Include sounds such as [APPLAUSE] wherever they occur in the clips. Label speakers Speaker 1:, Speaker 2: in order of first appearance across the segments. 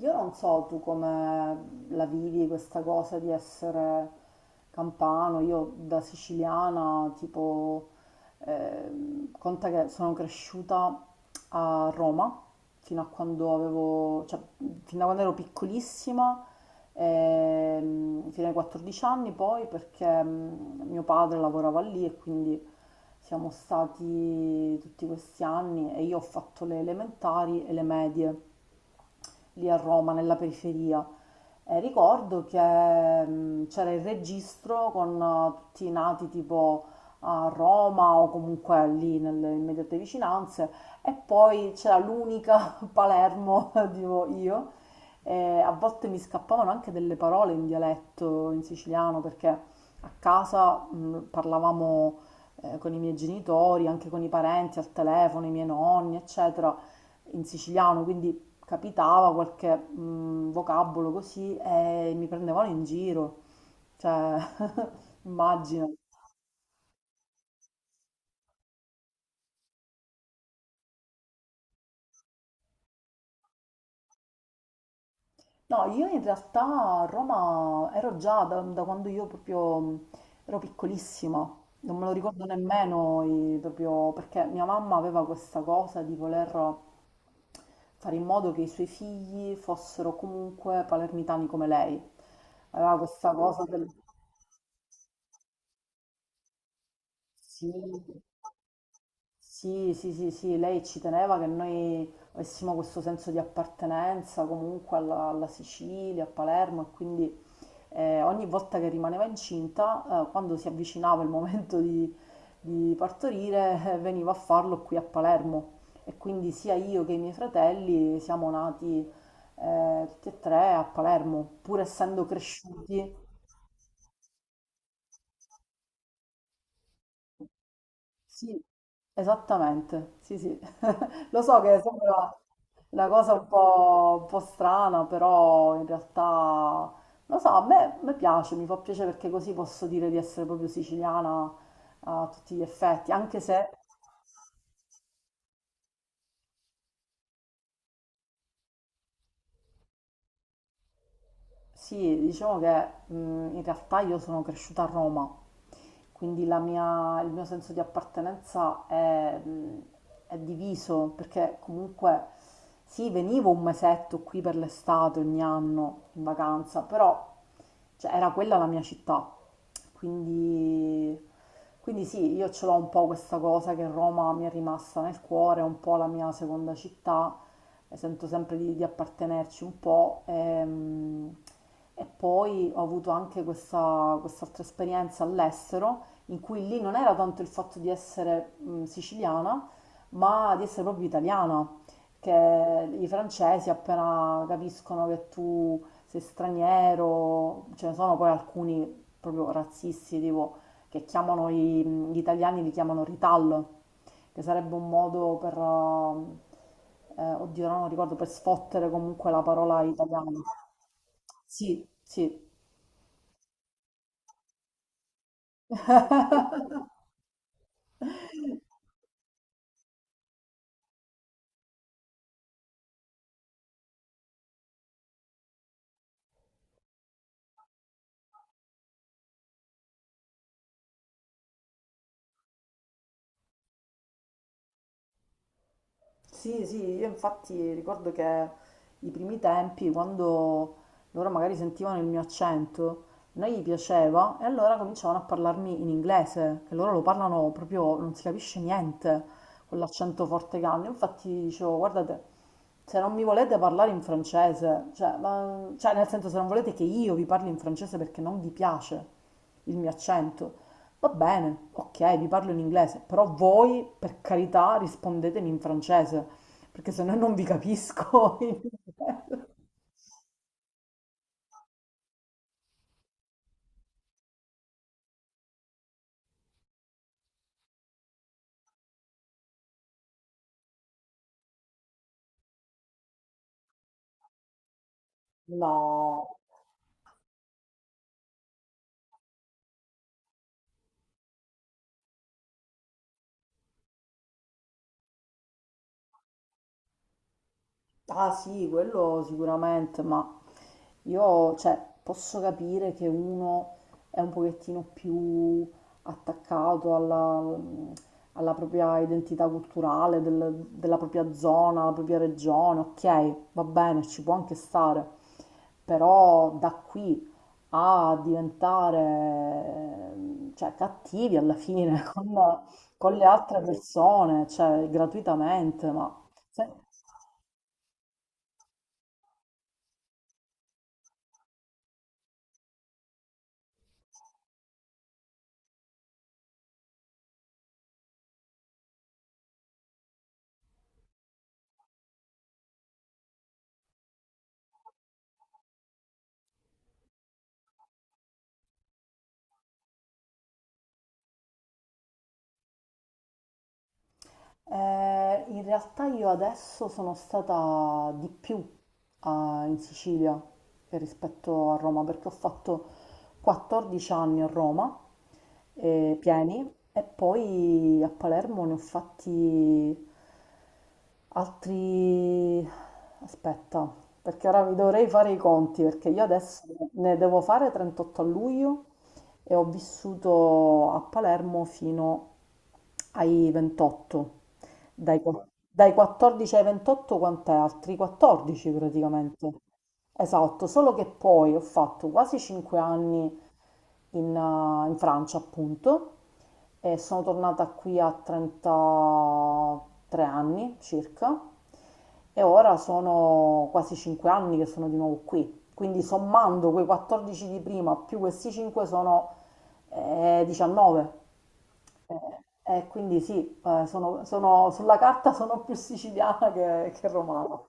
Speaker 1: Io non so tu come la vivi questa cosa di essere campano. Io da siciliana, tipo, conta che sono cresciuta a Roma fino a quando avevo, cioè, fin da quando ero piccolissima, fino ai 14 anni poi, perché mio padre lavorava lì e quindi siamo stati tutti questi anni e io ho fatto le elementari e le medie lì a Roma, nella periferia. E ricordo che c'era il registro con tutti i nati tipo a Roma o comunque lì nelle immediate vicinanze, e poi c'era l'unica [LAUGHS] Palermo, [LAUGHS] dico io. E a volte mi scappavano anche delle parole in dialetto, in siciliano, perché a casa parlavamo con i miei genitori, anche con i parenti al telefono, i miei nonni, eccetera, in siciliano, quindi capitava qualche vocabolo così e mi prendevano in giro, cioè, [LAUGHS] immagino. No, io in realtà a Roma ero già da quando io proprio ero piccolissima, non me lo ricordo nemmeno proprio perché mia mamma aveva questa cosa di voler fare in modo che i suoi figli fossero comunque palermitani come lei. Aveva questa cosa del... Sì, sì, sì, sì, lei ci teneva che noi avessimo questo senso di appartenenza comunque alla Sicilia, a Palermo e quindi ogni volta che rimaneva incinta, quando si avvicinava il momento di partorire, veniva a farlo qui a Palermo, e quindi sia io che i miei fratelli siamo nati tutti e tre a Palermo, pur essendo cresciuti. Sì, esattamente, sì, sì. [LAUGHS] Lo so che sembra una cosa un po' strana, però in realtà, lo so, a me piace, mi fa piacere perché così posso dire di essere proprio siciliana a tutti gli effetti, anche se, sì, diciamo che in realtà io sono cresciuta a Roma, quindi il mio senso di appartenenza è diviso, perché comunque sì, venivo un mesetto qui per l'estate ogni anno in vacanza, però cioè, era quella la mia città, quindi, quindi sì, io ce l'ho un po' questa cosa che Roma mi è rimasta nel cuore, è un po' la mia seconda città. Sento sempre di appartenerci un po'. E poi ho avuto anche questa, quest'altra esperienza all'estero, in cui lì non era tanto il fatto di essere siciliana, ma di essere proprio italiana, che i francesi appena capiscono che tu sei straniero, ce ne sono poi alcuni proprio razzisti, tipo, che chiamano gli italiani, li chiamano ritallo, che sarebbe un modo per, oddio, no, non ricordo, per sfottere comunque la parola italiana. Sì, sì. [LAUGHS] Sì, sì, io infatti ricordo che i primi tempi, quando loro magari sentivano il mio accento, a noi gli piaceva e allora cominciavano a parlarmi in inglese, che loro lo parlano proprio, non si capisce niente con l'accento forte che hanno. Infatti dicevo, guardate, se non mi volete parlare in francese, cioè, cioè nel senso, se non volete che io vi parli in francese perché non vi piace il mio accento, va bene, ok, vi parlo in inglese, però voi, per carità, rispondetemi in francese, perché se no non vi capisco. [LAUGHS] In inglese. No, ah sì, quello sicuramente, ma io, cioè, posso capire che uno è un pochettino più attaccato alla propria identità culturale, della propria zona, la propria regione, ok, va bene, ci può anche stare, però da qui a diventare, cioè, cattivi alla fine [LAUGHS] con le altre persone, cioè, gratuitamente, ma... se- in realtà io adesso sono stata di più in Sicilia che rispetto a Roma perché ho fatto 14 anni a Roma, pieni, e poi a Palermo ne ho fatti altri... Aspetta, perché ora vi dovrei fare i conti, perché io adesso ne devo fare 38 a luglio e ho vissuto a Palermo fino ai 28. Dai, dai 14 ai 28 quant'è? Altri 14 praticamente. Esatto, solo che poi ho fatto quasi 5 anni in, in Francia, appunto, e sono tornata qui a 33 anni circa e ora sono quasi 5 anni che sono di nuovo qui. Quindi sommando quei 14 di prima più questi 5 sono 19. E quindi sì, sulla carta sono più siciliana che romana.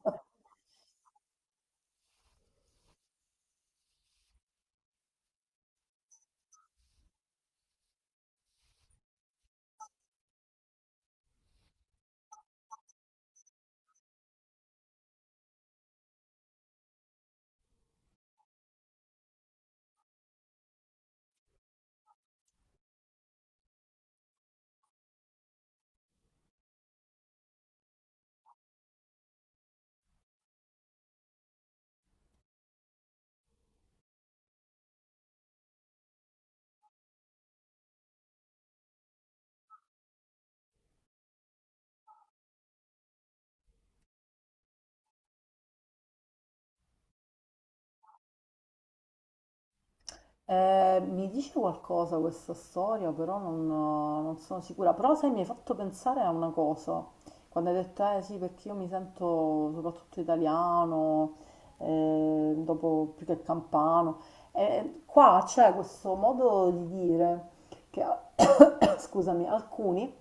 Speaker 1: Mi dice qualcosa questa storia, però non, non sono sicura. Però sai, mi hai fatto pensare a una cosa. Quando hai detto, eh sì, perché io mi sento soprattutto italiano, dopo più che campano. Qua c'è questo modo di dire che, [COUGHS] scusami, alcuni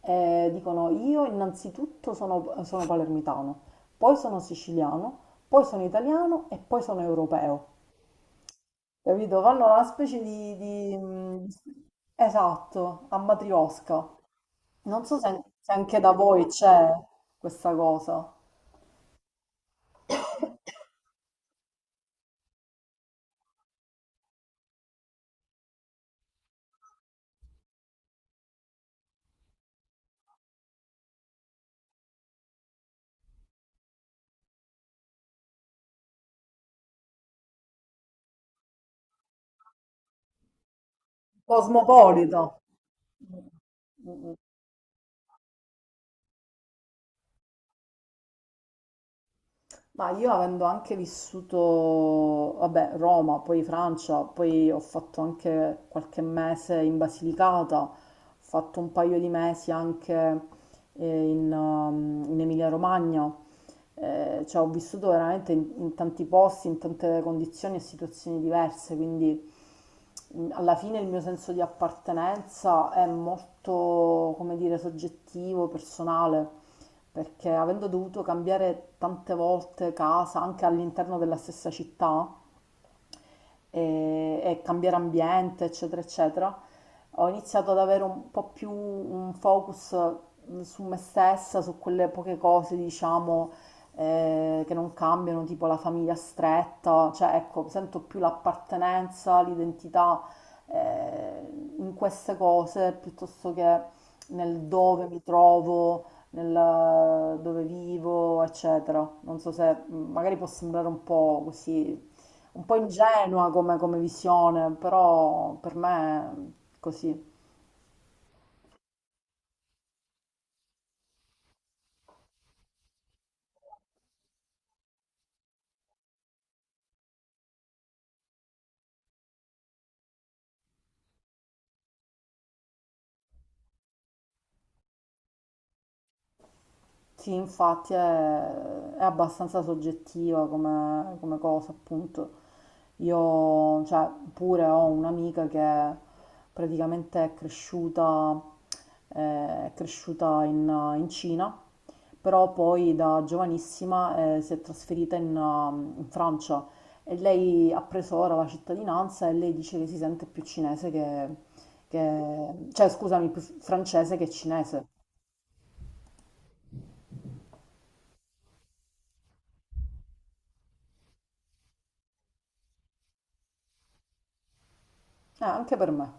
Speaker 1: dicono io innanzitutto sono, sono palermitano, poi sono siciliano, poi sono italiano e poi sono europeo, capito? Fanno una specie esatto, a matriosca. Non so se, se anche da voi c'è questa cosa. Cosmopolita. Mm, mm. Ma io avendo anche vissuto, vabbè, Roma, poi Francia, poi ho fatto anche qualche mese in Basilicata, ho fatto un paio di mesi anche in, in Emilia-Romagna. Eh, cioè ho vissuto veramente in, in tanti posti, in tante condizioni e situazioni diverse, quindi alla fine il mio senso di appartenenza è molto, come dire, soggettivo, personale, perché avendo dovuto cambiare tante volte casa, anche all'interno della stessa città, e cambiare ambiente, eccetera, eccetera, ho iniziato ad avere un po' più un focus su me stessa, su quelle poche cose, diciamo, che non cambiano, tipo la famiglia stretta, cioè ecco, sento più l'appartenenza, l'identità eh, in queste cose piuttosto che nel dove mi trovo, nel dove vivo, eccetera. Non so se magari può sembrare un po' così un po' ingenua come, come visione, però per me è così. Sì, infatti è abbastanza soggettiva come, come cosa, appunto. Io, cioè, pure ho un'amica che praticamente eh, è cresciuta in, in Cina, però poi da giovanissima, si è trasferita in, in Francia, e lei ha preso ora la cittadinanza e lei dice che si sente più cinese che, cioè, scusami, più francese che cinese. Anche per me.